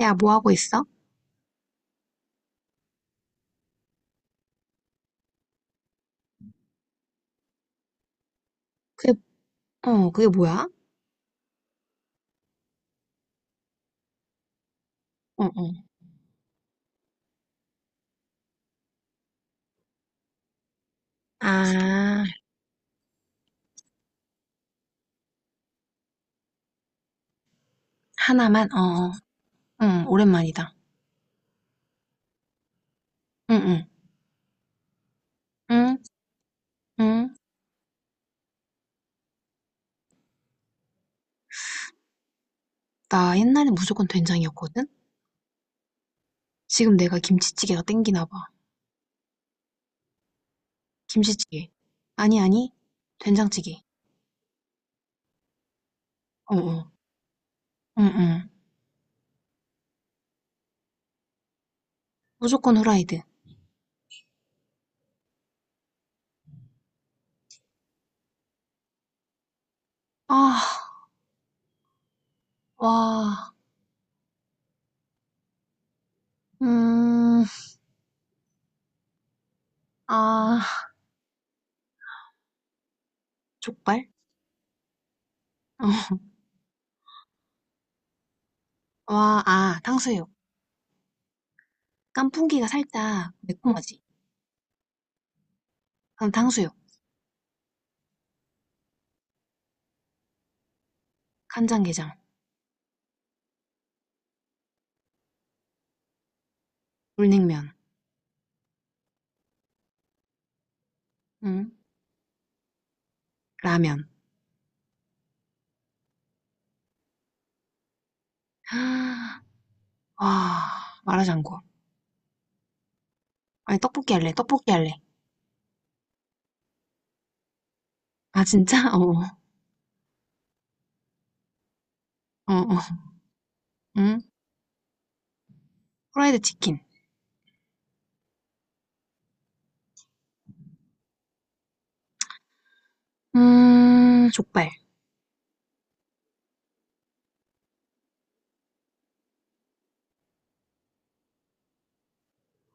야, 뭐 하고 있어? 그게, 그게 뭐야? 어, 어. 아, 하나만? 어, 어. 응, 오랜만이다. 응, 응. 응, 응. 나 옛날에 무조건 된장이었거든? 지금 내가 김치찌개가 땡기나 봐. 김치찌개. 아니, 아니. 된장찌개. 어, 어. 응, 응. 무조건 후라이드. 아, 와. 음, 아. 족발? 어. 와, 아, 탕수육. 깐풍기가 살짝 매콤하지? 그럼 탕수육. 간장게장. 물냉면. 응. 라면. 와, 마라샹궈. 아니, 떡볶이 할래, 떡볶이 할래. 아, 진짜? 어, 어, 어. 응? 프라이드 치킨. 족발.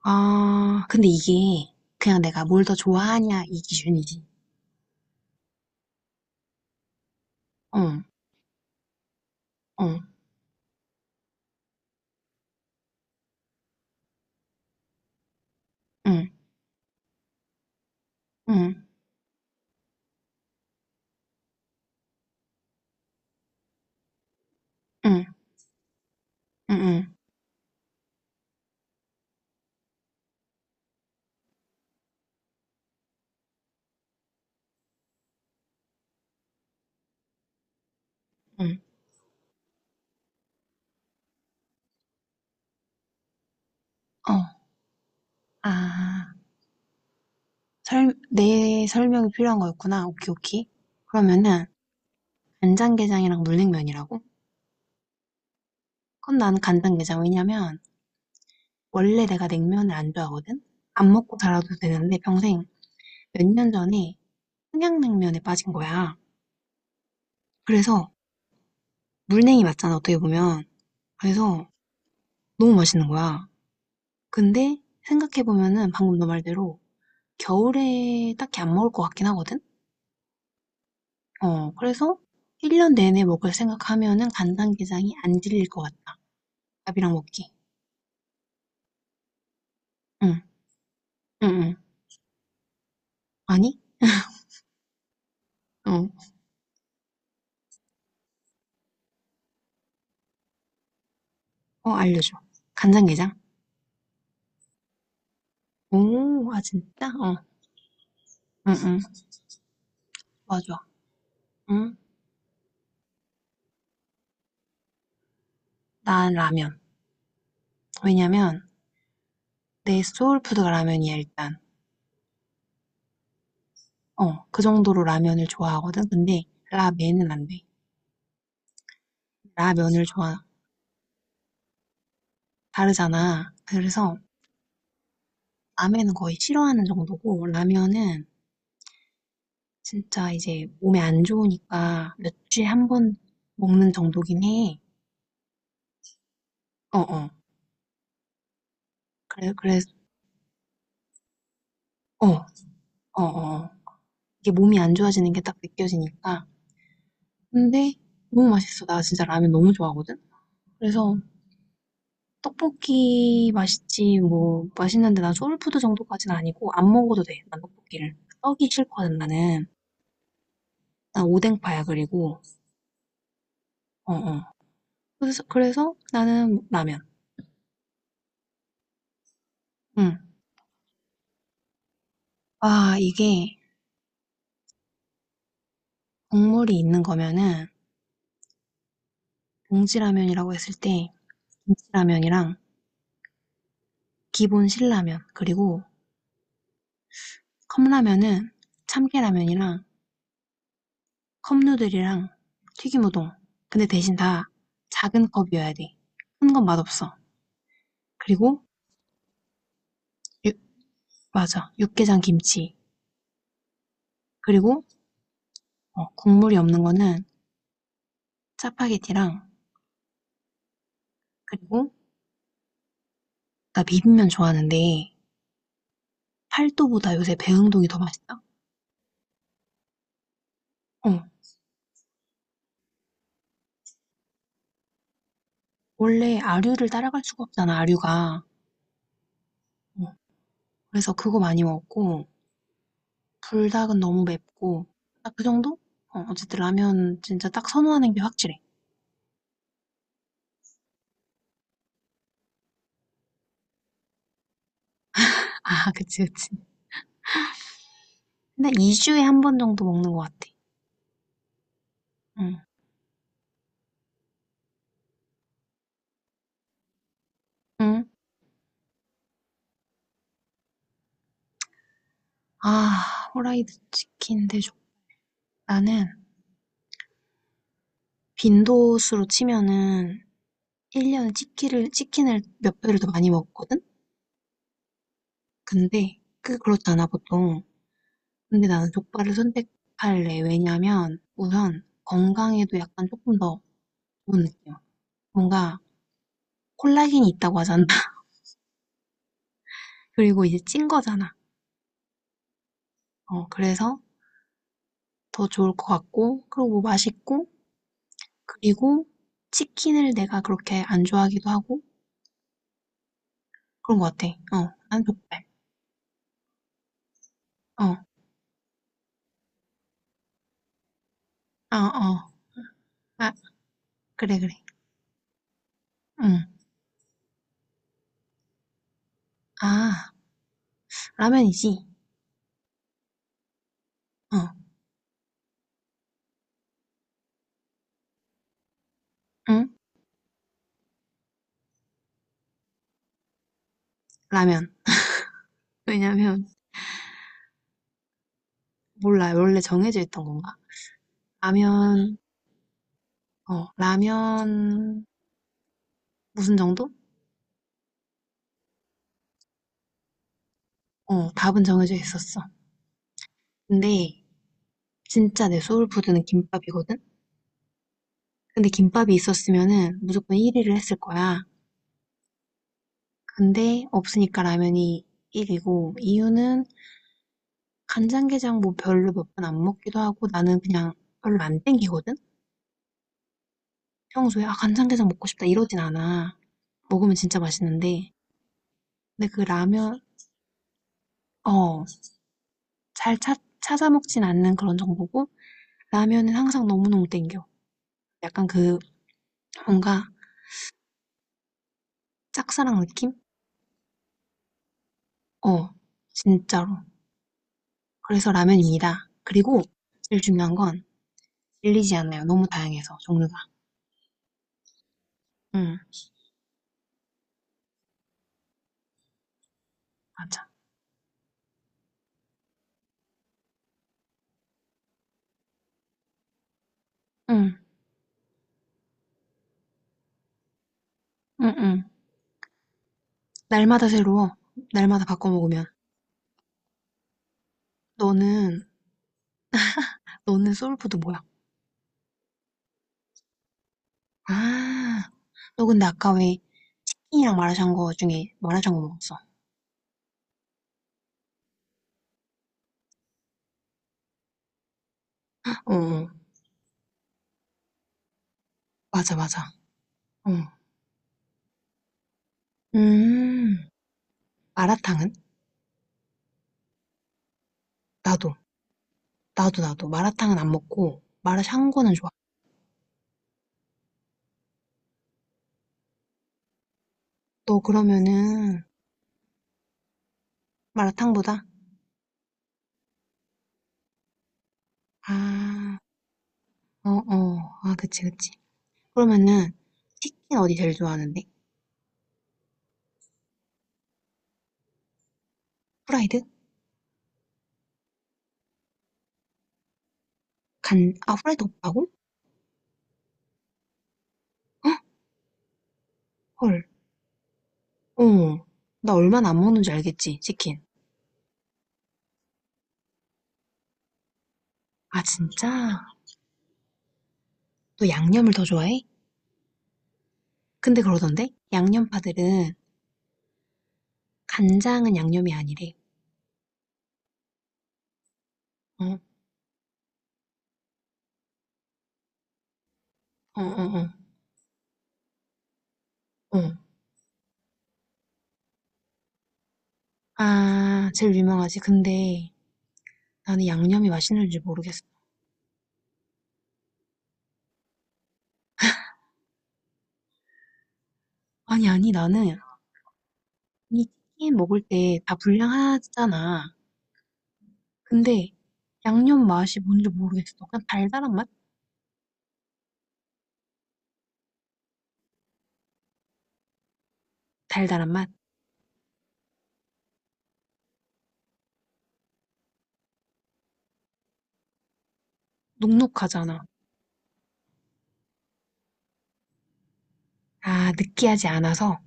아, 근데 이게 그냥 내가 뭘 더 좋아하냐, 이 기준이지. 어, 어, 응, 응, 응, 응, 응, 응, 응. 어. 아, 설, 내 설명이 필요한 거였구나. 오케이, 오케이. 그러면은, 간장게장이랑 물냉면이라고? 그건 난 간장게장. 왜냐면, 원래 내가 냉면을 안 좋아하거든? 안 먹고 살아도 되는데 평생 몇 년 전에 평양냉면에 빠진 거야. 그래서 물냉이 맞잖아, 어떻게 보면. 그래서 너무 맛있는 거야. 근데 생각해보면은 방금 너 말대로 겨울에 딱히 안 먹을 것 같긴 하거든? 어, 그래서 1년 내내 먹을 생각하면은 간장게장이 안 질릴 것 같다. 밥이랑 먹기. 응, 응, 응. 아니? 어, 어, 알려줘. 간장게장? 오, 아, 진짜? 어, 응, 응. 맞아. 응. 난 라면. 왜냐면 내 소울푸드가 라면이야, 일단. 어, 그 정도로 라면을 좋아하거든. 근데 라멘은 안 돼. 라면을 좋아. 다르잖아. 그래서 라면은 거의 싫어하는 정도고 라면은 진짜 이제 몸에 안 좋으니까 몇 주에 한 번 먹는 정도긴 해. 어, 어. 그래, 그래. 어, 어, 어. 이게 몸이 안 좋아지는 게 딱 느껴지니까. 근데 너무 맛있어. 나 진짜 라면 너무 좋아하거든. 그래서 떡볶이 맛있지, 뭐, 맛있는데 난 소울푸드 정도까진 아니고, 안 먹어도 돼, 난 떡볶이를. 떡이 싫거든, 나는. 난 오뎅파야, 그리고. 어, 어. 그래서 나는 라면. 응. 아, 이게 국물이 있는 거면은, 봉지라면이라고 했을 때, 김치라면이랑 기본 신라면, 그리고 컵라면은 참깨라면이랑 컵누들이랑 튀김우동. 근데 대신 다 작은 컵이어야 돼. 큰 건 맛없어. 그리고 유- 맞아. 육개장 김치. 그리고 어, 국물이 없는 거는 짜파게티랑 그리고 나 비빔면 좋아하는데 팔도보다 요새 배흥동이 더 맛있다. 어. 원래 아류를 따라갈 수가 없잖아, 아류가. 어, 그래서 그거 많이 먹고 불닭은 너무 맵고 딱 그 정도? 어, 어쨌든 라면 진짜 딱 선호하는 게 확실해. 아, 그치, 그치. 근데 2주에 한 번 정도 먹는 것 같아. 응. 응. 아, 후라이드 치킨 대접. 나는 빈도수로 치면은 1년 년에 치킨을 몇 배를 더 많이 먹었거든? 근데 그게 그렇잖아, 보통. 근데 나는 족발을 선택할래. 왜냐면 우선 건강에도 약간 조금 더 좋은 느낌. 뭔가 콜라겐이 있다고 하잖아. 그리고 이제 찐 거잖아. 어, 그래서 더 좋을 것 같고, 그리고 맛있고, 그리고 치킨을 내가 그렇게 안 좋아하기도 하고, 그런 것 같아. 어, 난 족발. 어, 아, 어. 아, 그래, 그래. 응. 아, 라면이지. 어, 응? 라면. 왜냐면 몰라요. 원래 정해져 있던 건가? 라면, 어, 라면 무슨 정도? 어, 답은 정해져 있었어. 근데 진짜 내 소울푸드는 김밥이거든? 근데 김밥이 있었으면은 무조건 1위를 했을 거야. 근데 없으니까 라면이 1위고 이유는 간장게장 뭐 별로 몇 번 안 먹기도 하고 나는 그냥 별로 안 땡기거든? 평소에 아 간장게장 먹고 싶다 이러진 않아. 먹으면 진짜 맛있는데 근데 그 라면 어 찾아 먹진 않는 그런 정보고 라면은 항상 너무너무 땡겨. 약간 그 뭔가 짝사랑 느낌? 어, 진짜로. 그래서 라면입니다. 그리고 제일 중요한 건 질리지 않아요. 너무 다양해서 종류가. 응, 맞아. 응, 응, 응. 날마다 새로워. 날마다 바꿔 먹으면. 너는 너는 소울푸드 뭐야? 아, 너 근데 아까 왜 치킨이랑 마라샹궈 중에 마라샹궈 먹었어? 어, 어. 맞아, 맞아. 어. 음. 마라탕은? 나도. 나도, 나도. 마라탕은 안 먹고, 마라샹궈는 좋아. 너 그러면은, 마라탕보다? 아, 어, 어. 아, 그치, 그치. 그러면은, 치킨 어디 제일 좋아하는데? 후라이드? 간, 아, 후라이드 없다고? 헉, 헐. 어. 나 얼마나 안 먹는 줄 알겠지, 치킨. 아, 진짜? 너 양념을 더 좋아해? 근데 그러던데? 양념파들은, 간장은 양념이 아니래. 어, 어, 어, 어. 어. 아, 제일 유명하지. 근데, 나는 양념이 맛있는지 모르겠어. 아니, 아니, 나는 이 치킨 먹을 때 다 분량하잖아. 근데 양념 맛이 뭔지 모르겠어. 그냥 달달한 맛? 달달한 맛? 눅눅하잖아. 아, 느끼하지 않아서.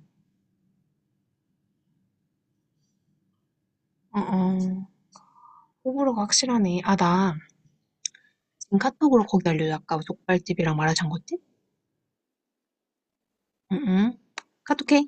어, 어. 호불호가 확실하네. 아, 나 지금 카톡으로 거기 알려줘. 아까 족발집이랑 마라샹궈집? 응, 응. 카톡해.